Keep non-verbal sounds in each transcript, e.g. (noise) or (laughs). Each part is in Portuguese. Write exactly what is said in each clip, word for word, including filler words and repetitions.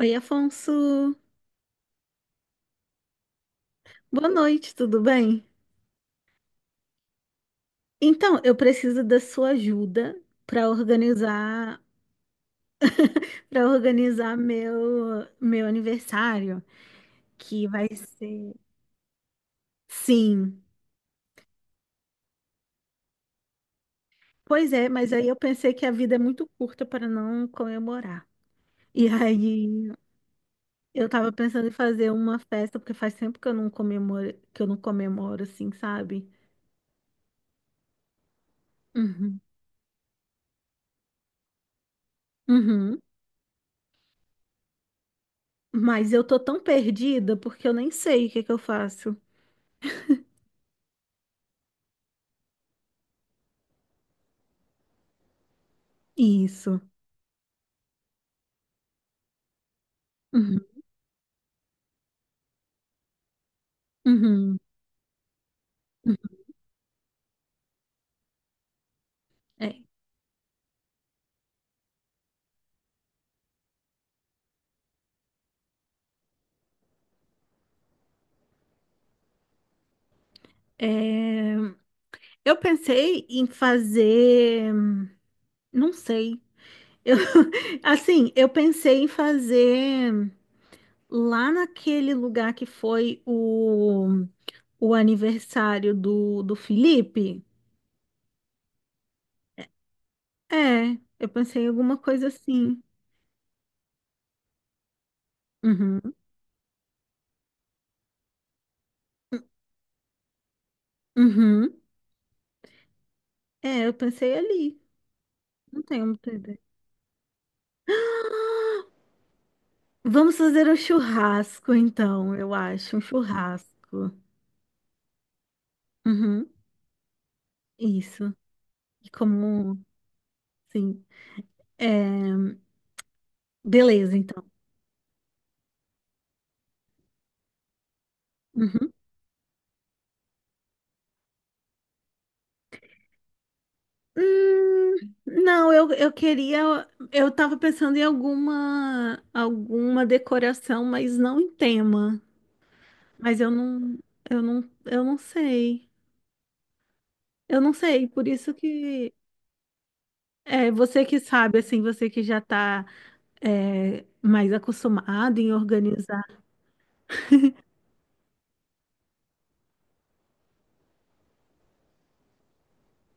Oi, Afonso. Boa noite, tudo bem? Então, eu preciso da sua ajuda para organizar, para organizar meu meu aniversário, que vai ser. Sim. Pois é, mas aí eu pensei que a vida é muito curta para não comemorar. E aí eu tava pensando em fazer uma festa, porque faz tempo que eu não comemoro, que eu não comemoro assim, sabe? Uhum. Uhum. Mas eu tô tão perdida porque eu nem sei o que que eu faço. Isso. Uhum. Uhum, uhum. É, é, eu pensei em fazer, não sei, eu, (laughs) assim, eu pensei em fazer lá naquele lugar que foi o, o aniversário do, do Felipe. É, eu pensei em alguma coisa assim. Uhum, uhum. É, eu pensei ali, não tenho muita ideia. Vamos fazer um churrasco, então, eu acho, um churrasco. Uhum, isso. E como sim. É, beleza, então. Uhum. Hum, não, eu, eu queria. Eu tava pensando em alguma, alguma decoração, mas não em tema. Mas eu não, eu não, eu não sei. Eu não sei, por isso que é você que sabe, assim, você que já tá é, mais acostumado em organizar.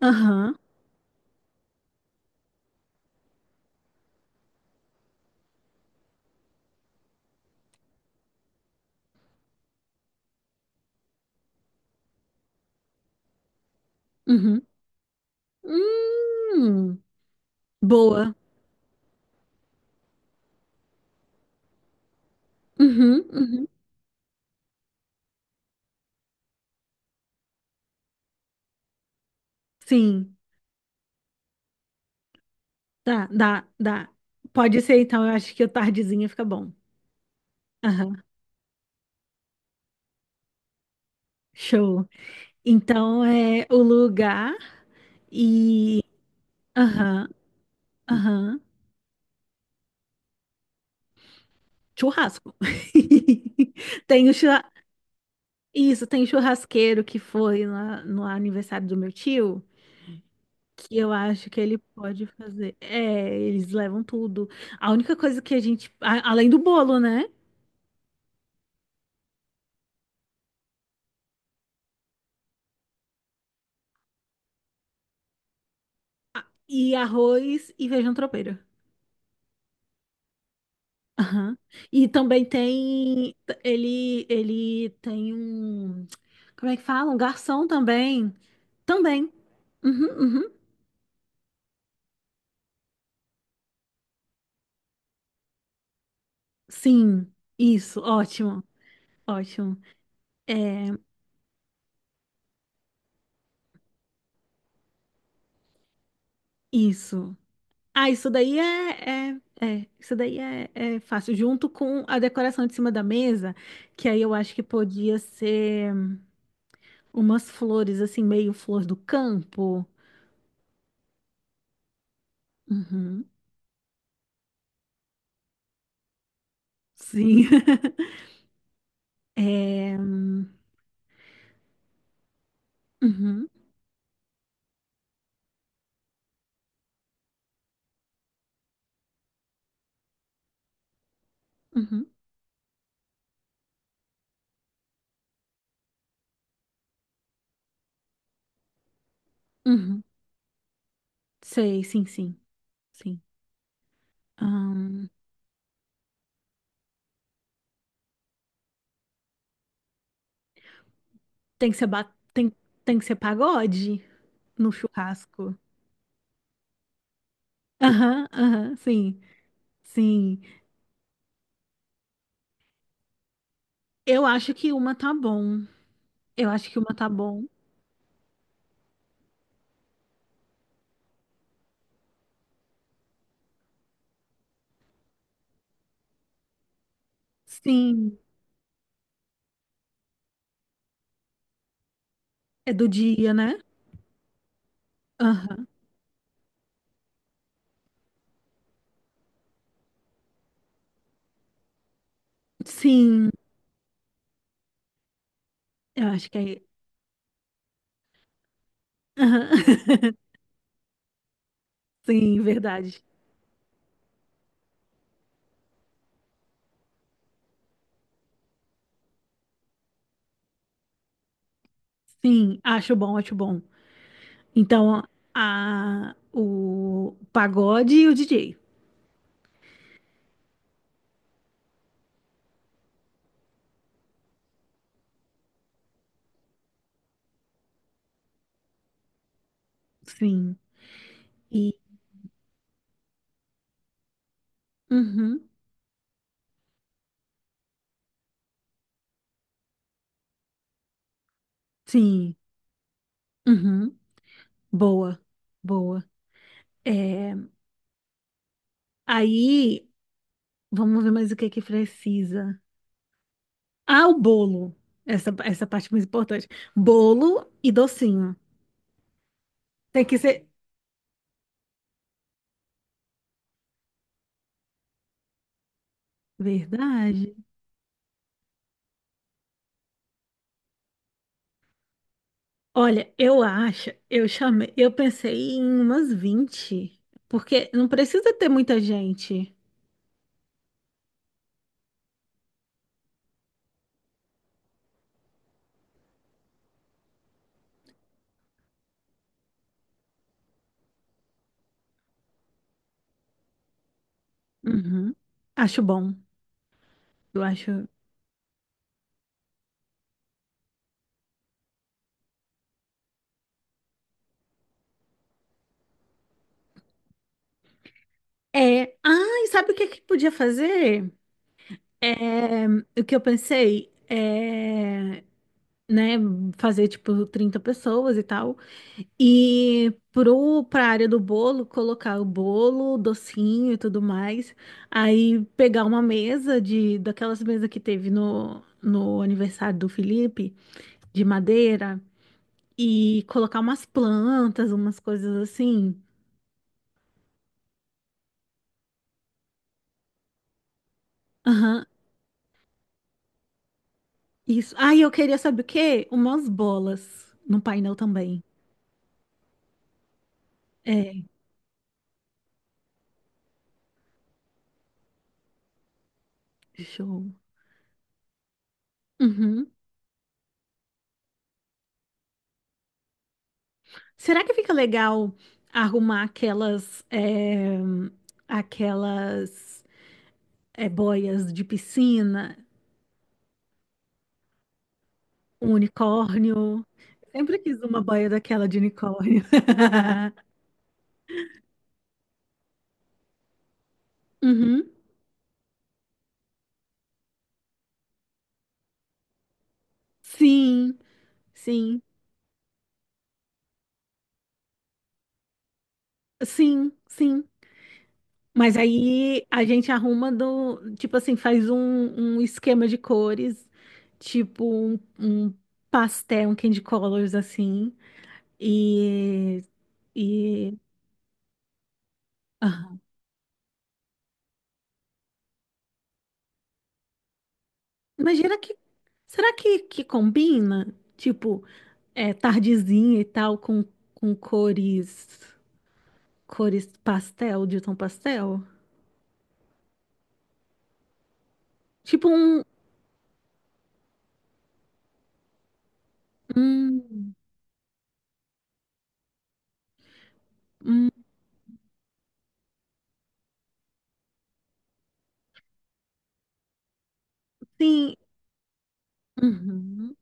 Aham, uhum. Hum, boa. Uhum, uhum. Sim. Tá, dá, dá. Pode ser, então, eu acho que o tardezinha fica bom. Aham, show. Então é o lugar e. Aham, aham. Churrasco. (laughs) Tem o churra... Isso, tem churrasqueiro que foi lá no aniversário do meu tio, que eu acho que ele pode fazer. É, eles levam tudo. A única coisa que a gente. A- Além do bolo, né? E arroz e feijão tropeiro. Aham. E também tem ele ele tem um como é que fala? Um garçom também. Também. Uhum, uhum. Sim, isso, ótimo, ótimo. É isso. Ah, isso daí é, é, é, isso daí é, é fácil, junto com a decoração de cima da mesa, que aí eu acho que podia ser umas flores assim, meio flor do campo. Uhum, sim. (laughs) É, uhum, uhum. Uhum. Sei, sim, sim, sim. Ahn, tem que ser ba... tem, tem que ser pagode no churrasco. Aham, aham, sim, sim. Eu acho que uma tá bom. Eu acho que uma tá bom. Sim, é do dia, né? Aham. Sim, eu acho que é. Aham. (laughs) Sim, verdade. Sim, acho bom, acho bom. Então, a, o pagode e o D J. Sim. E, uhum, sim. Uhum. Boa, boa. É, aí, vamos ver mais o que que precisa. Ah, o bolo. Essa, essa parte mais importante. Bolo e docinho. Tem que ser. Verdade. Olha, eu acho, eu chamei, eu pensei em umas vinte porque não precisa ter muita gente. Uhum. Acho bom. Eu acho. É. Ah, e sabe o que que podia fazer? É, o que eu pensei? É, né, fazer tipo trinta pessoas e tal. E pro pra área do bolo, colocar o bolo, docinho e tudo mais. Aí pegar uma mesa de daquelas mesas que teve no no aniversário do Felipe, de madeira e colocar umas plantas, umas coisas assim. Aham. Isso. Ah, e eu queria saber o quê? Umas bolas no painel também. É, show. Uhum. Será que fica legal arrumar aquelas, eh, aquelas eh, boias de piscina, um unicórnio? Sempre quis uma boia daquela de unicórnio. (laughs) Uhum. Sim, sim, sim, sim. Mas aí a gente arruma do, tipo assim, faz um, um esquema de cores, tipo um, um pastel, um candy colors assim, e, e (laughs) Imagina que. Será que, que combina? Tipo, é, tardezinha e tal, com, com cores. Cores pastel, de tom pastel? Tipo um. um, um sim. Uhum,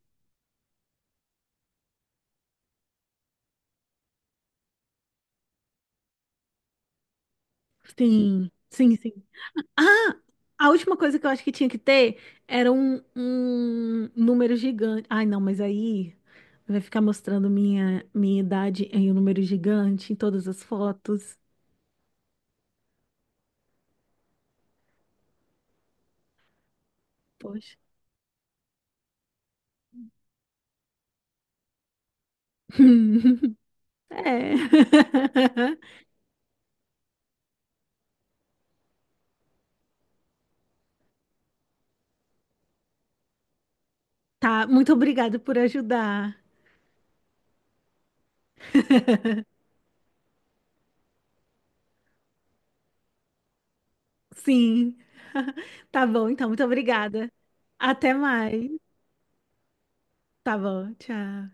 sim. Sim, sim. Ah! A última coisa que eu acho que tinha que ter era um, um número gigante. Ai, não, mas aí vai ficar mostrando minha, minha idade em um número gigante em todas as fotos. Poxa. (laughs) É. (laughs) Tá, muito obrigada por ajudar. Sim. (laughs) Tá bom, então, muito obrigada. Até mais. Tá bom, tchau.